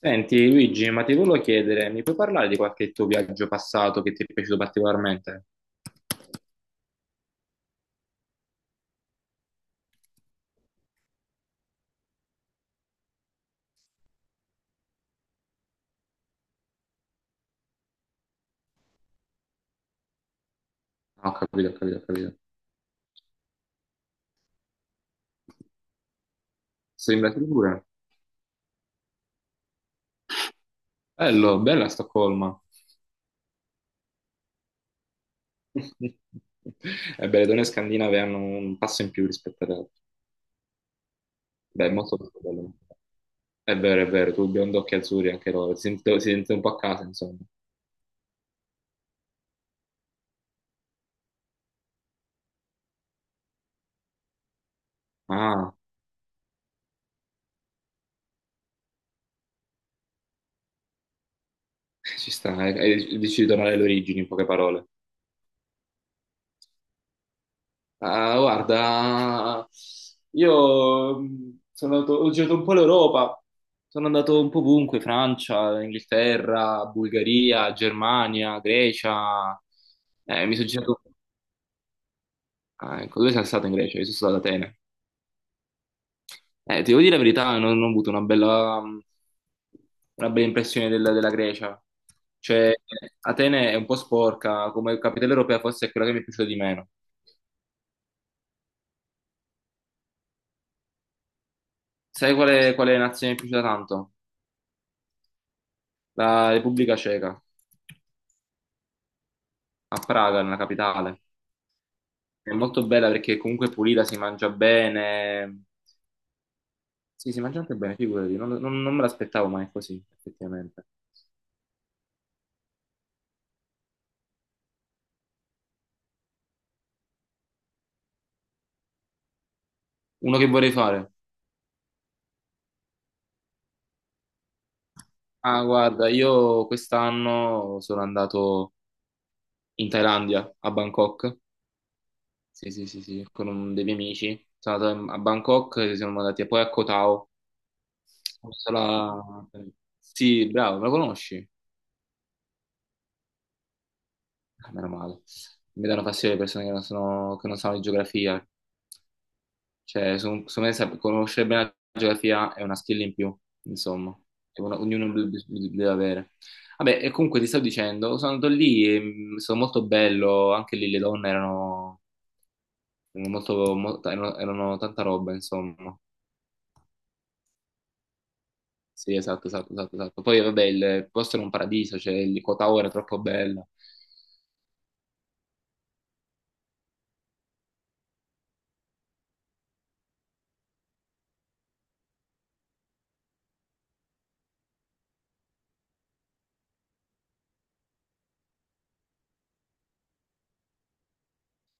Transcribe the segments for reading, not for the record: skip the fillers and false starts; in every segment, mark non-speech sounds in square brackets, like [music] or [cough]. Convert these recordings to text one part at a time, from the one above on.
Senti Luigi, ma ti volevo chiedere, mi puoi parlare di qualche tuo viaggio passato che ti è piaciuto particolarmente? Ah, ho capito, ho capito, ho capito. Sei in Brasile pure? Bello, bella Stoccolma. [laughs] Ebbene, le donne scandinave hanno un passo in più rispetto alle altre. Beh, è molto molto bello. È vero, tu biondo occhi azzurri anche loro, si sente un po' a casa, insomma. Ah, [laughs] ci sta, eh, dici di tornare alle origini, in poche parole. Ah, guarda, io sono andato, ho girato un po' l'Europa, sono andato un po' ovunque, Francia, Inghilterra, Bulgaria, Germania, Grecia, mi sono girato, ah, ecco, dove sei stato in Grecia? Io sono stato ad Atene. Ti devo dire la verità, non ho avuto una bella impressione della Grecia, cioè Atene è un po' sporca, come capitale europea forse è quella che mi è piaciuta di meno. Sai quale nazione mi è piaciuta tanto? La Repubblica Ceca. A Praga, nella capitale. È molto bella perché comunque è pulita, si mangia bene. Sì, si mangia anche bene, figurati, non me l'aspettavo, ma è così, effettivamente. Uno che vorrei fare? Ah, guarda, io quest'anno sono andato in Thailandia, a Bangkok. Sì, sì, sì, sì, con dei miei amici. Sono andato a Bangkok, e siamo andati poi a Koh Tao. L'isola- Sì, bravo, me lo conosci? Ah, meno male. Mi danno fastidio le persone che non sono- che non sanno di geografia. Cioè, secondo me conoscere bene la geografia è una skill in più, insomma, che ognuno deve avere. Vabbè, e comunque ti stavo dicendo, sono andato lì, e, è stato molto bello, anche lì le donne erano erano tanta roba, insomma. Sì, esatto, esatto, esatto, esatto. Poi vabbè, il posto era un paradiso, cioè il Kota Ora è troppo bello.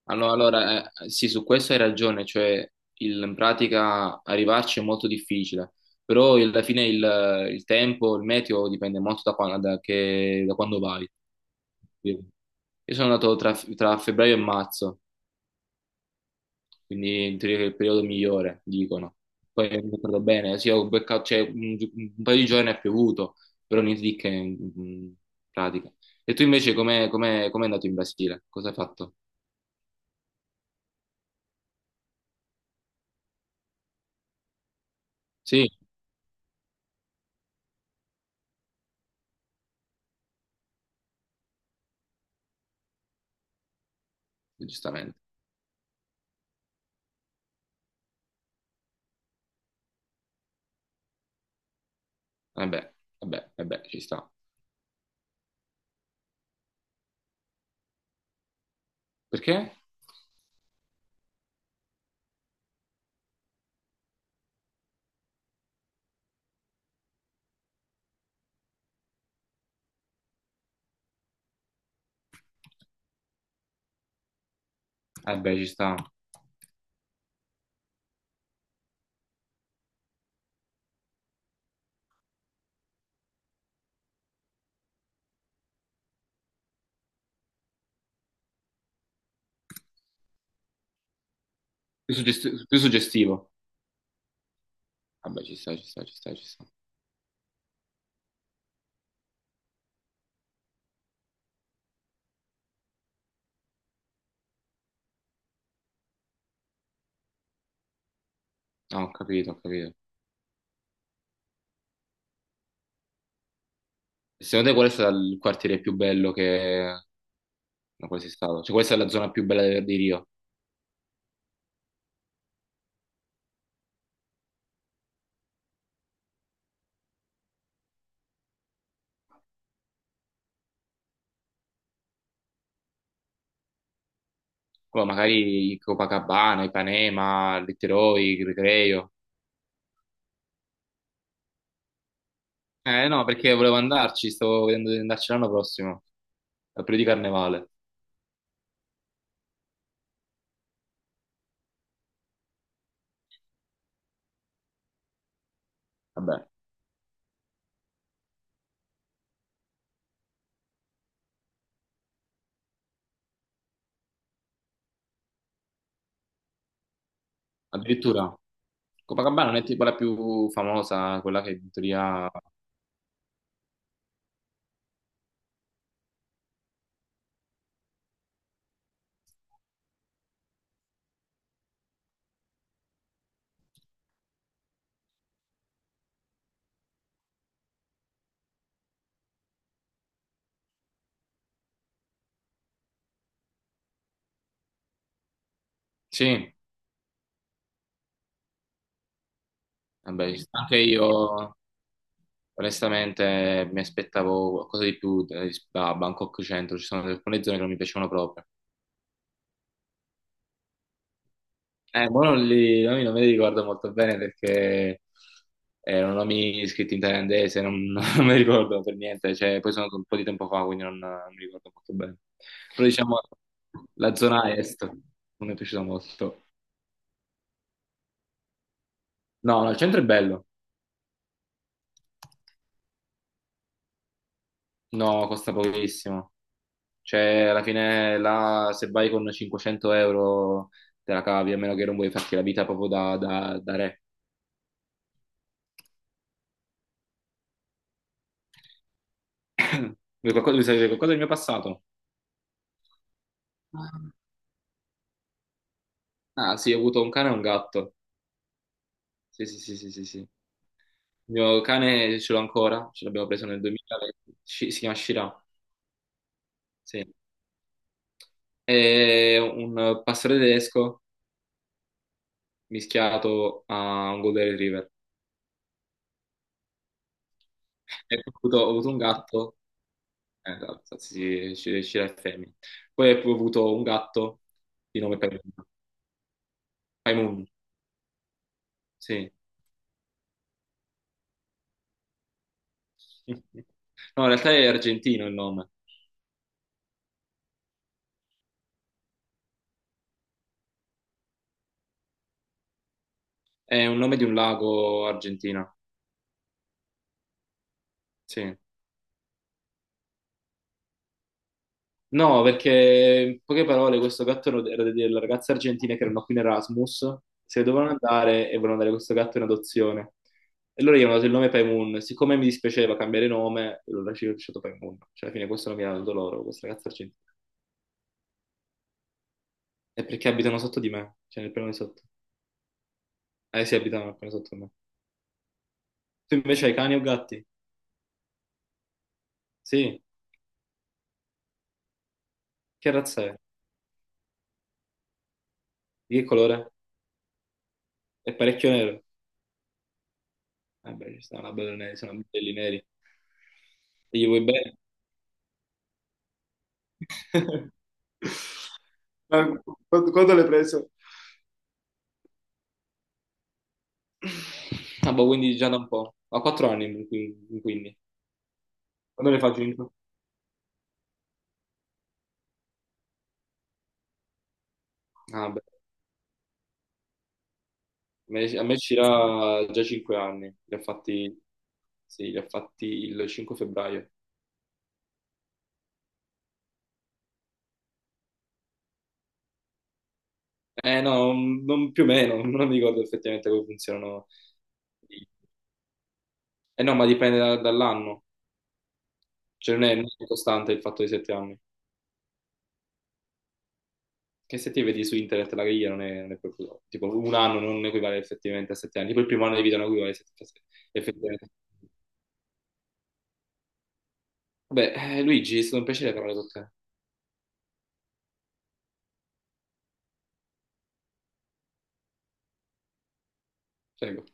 Ah, no, allora, sì, su questo hai ragione, cioè in pratica arrivarci è molto difficile, però alla fine il tempo, il meteo dipende molto da quando, da quando vai. Sì. Io sono andato tra febbraio e marzo, quindi in teoria è il periodo migliore, dicono. Poi mi ricordo bene, sì, ho beccato, cioè, un paio di giorni è piovuto, però niente di che in pratica. E tu invece com'è andato in Brasile? Cosa hai fatto? Sì, giustamente. Vabbè, vabbè, vabbè, ci sta. Perché? Vabbè, ci sta. Più, più suggestivo. Vabbè, ci sta, ci sta, ci sta, ci sta. Ah, ho capito, ho capito. E secondo te qual è stato il quartiere più bello che... No, qual è stato? Cioè, questa è la zona più bella di Rio. Poi magari Copacabana, Ipanema, Letteroi, Recreio. Eh no, perché volevo andarci, stavo vedendo di andarci l'anno prossimo, al periodo di carnevale. Vabbè, addirittura Copacabana non è tipo la più famosa, quella che in teoria... Sì, vabbè, ci sta anche io onestamente mi aspettavo qualcosa di più da Bangkok Centro, ci sono alcune zone che non mi piacevano proprio. Ma non, li, non me li ricordo molto bene perché erano nomi scritti in thailandese, non, [laughs] non me li ricordo per niente, cioè, poi sono un po' di tempo fa, quindi non mi ricordo molto bene. Però diciamo la zona est non mi è piaciuta molto. No, no, il centro è bello, no, costa pochissimo. Cioè, alla fine, là, se vai con 500 euro te la cavi, a meno che non vuoi farti la vita proprio da re. [clears throat] Vuoi qualcosa, vuoi sapere qualcosa del mio passato? Ah, sì, ho avuto un cane e un gatto. Sì, sì, sì, sì, sì, sì. Il mio cane ce l'ho ancora, ce l'abbiamo preso nel 2020, si chiama Shira, sì. È un pastore tedesco mischiato a un Golden Retriever. E ho avuto un gatto. Esatto, sì, sì, Scira e femmine. Poi ho pure avuto un gatto di nome Paimun. Paimun, sì. [laughs] No, in realtà è argentino il nome. È un nome di un lago argentino, sì. No, perché in poche parole questo gatto era delle ragazze argentine che erano qui in Erasmus, se ne dovevano andare e volevano dare questo gatto in adozione. E loro gli hanno dato il nome Paimun. Siccome mi dispiaceva cambiare nome, allora ci ho lasciato Paimun. Cioè, alla fine questo nome l'hanno dato loro, queste ragazze argentine. È perché abitano sotto di me, cioè nel piano di sotto. Eh sì, abitano nel piano sotto di me. Tu invece hai cani o gatti? Sì. Che razza è? Di che colore? È parecchio nero. Eh beh, ci sono belli neri, sono belli neri. E gli vuoi bene? [laughs] Ma quando l'hai preso? Ah, boh, quindi già da un po'. Ho 4 anni, quindi. Quando ne fa cinque? Ah, beh. A me ci era già 5 anni. Li ho fatti, sì, li ho fatti il 5 febbraio. Eh no, più o meno, [laughs] non mi ricordo effettivamente come funzionano. Eh no, ma dipende dall'anno, cioè non è costante il fatto dei 7 anni. Che se ti vedi su internet la griglia non è proprio... Tipo un anno non equivale effettivamente a 7 anni, tipo il primo anno di vita non equivale a sette- effettivamente. Vabbè, Luigi, è stato un piacere parlare con te. Prego.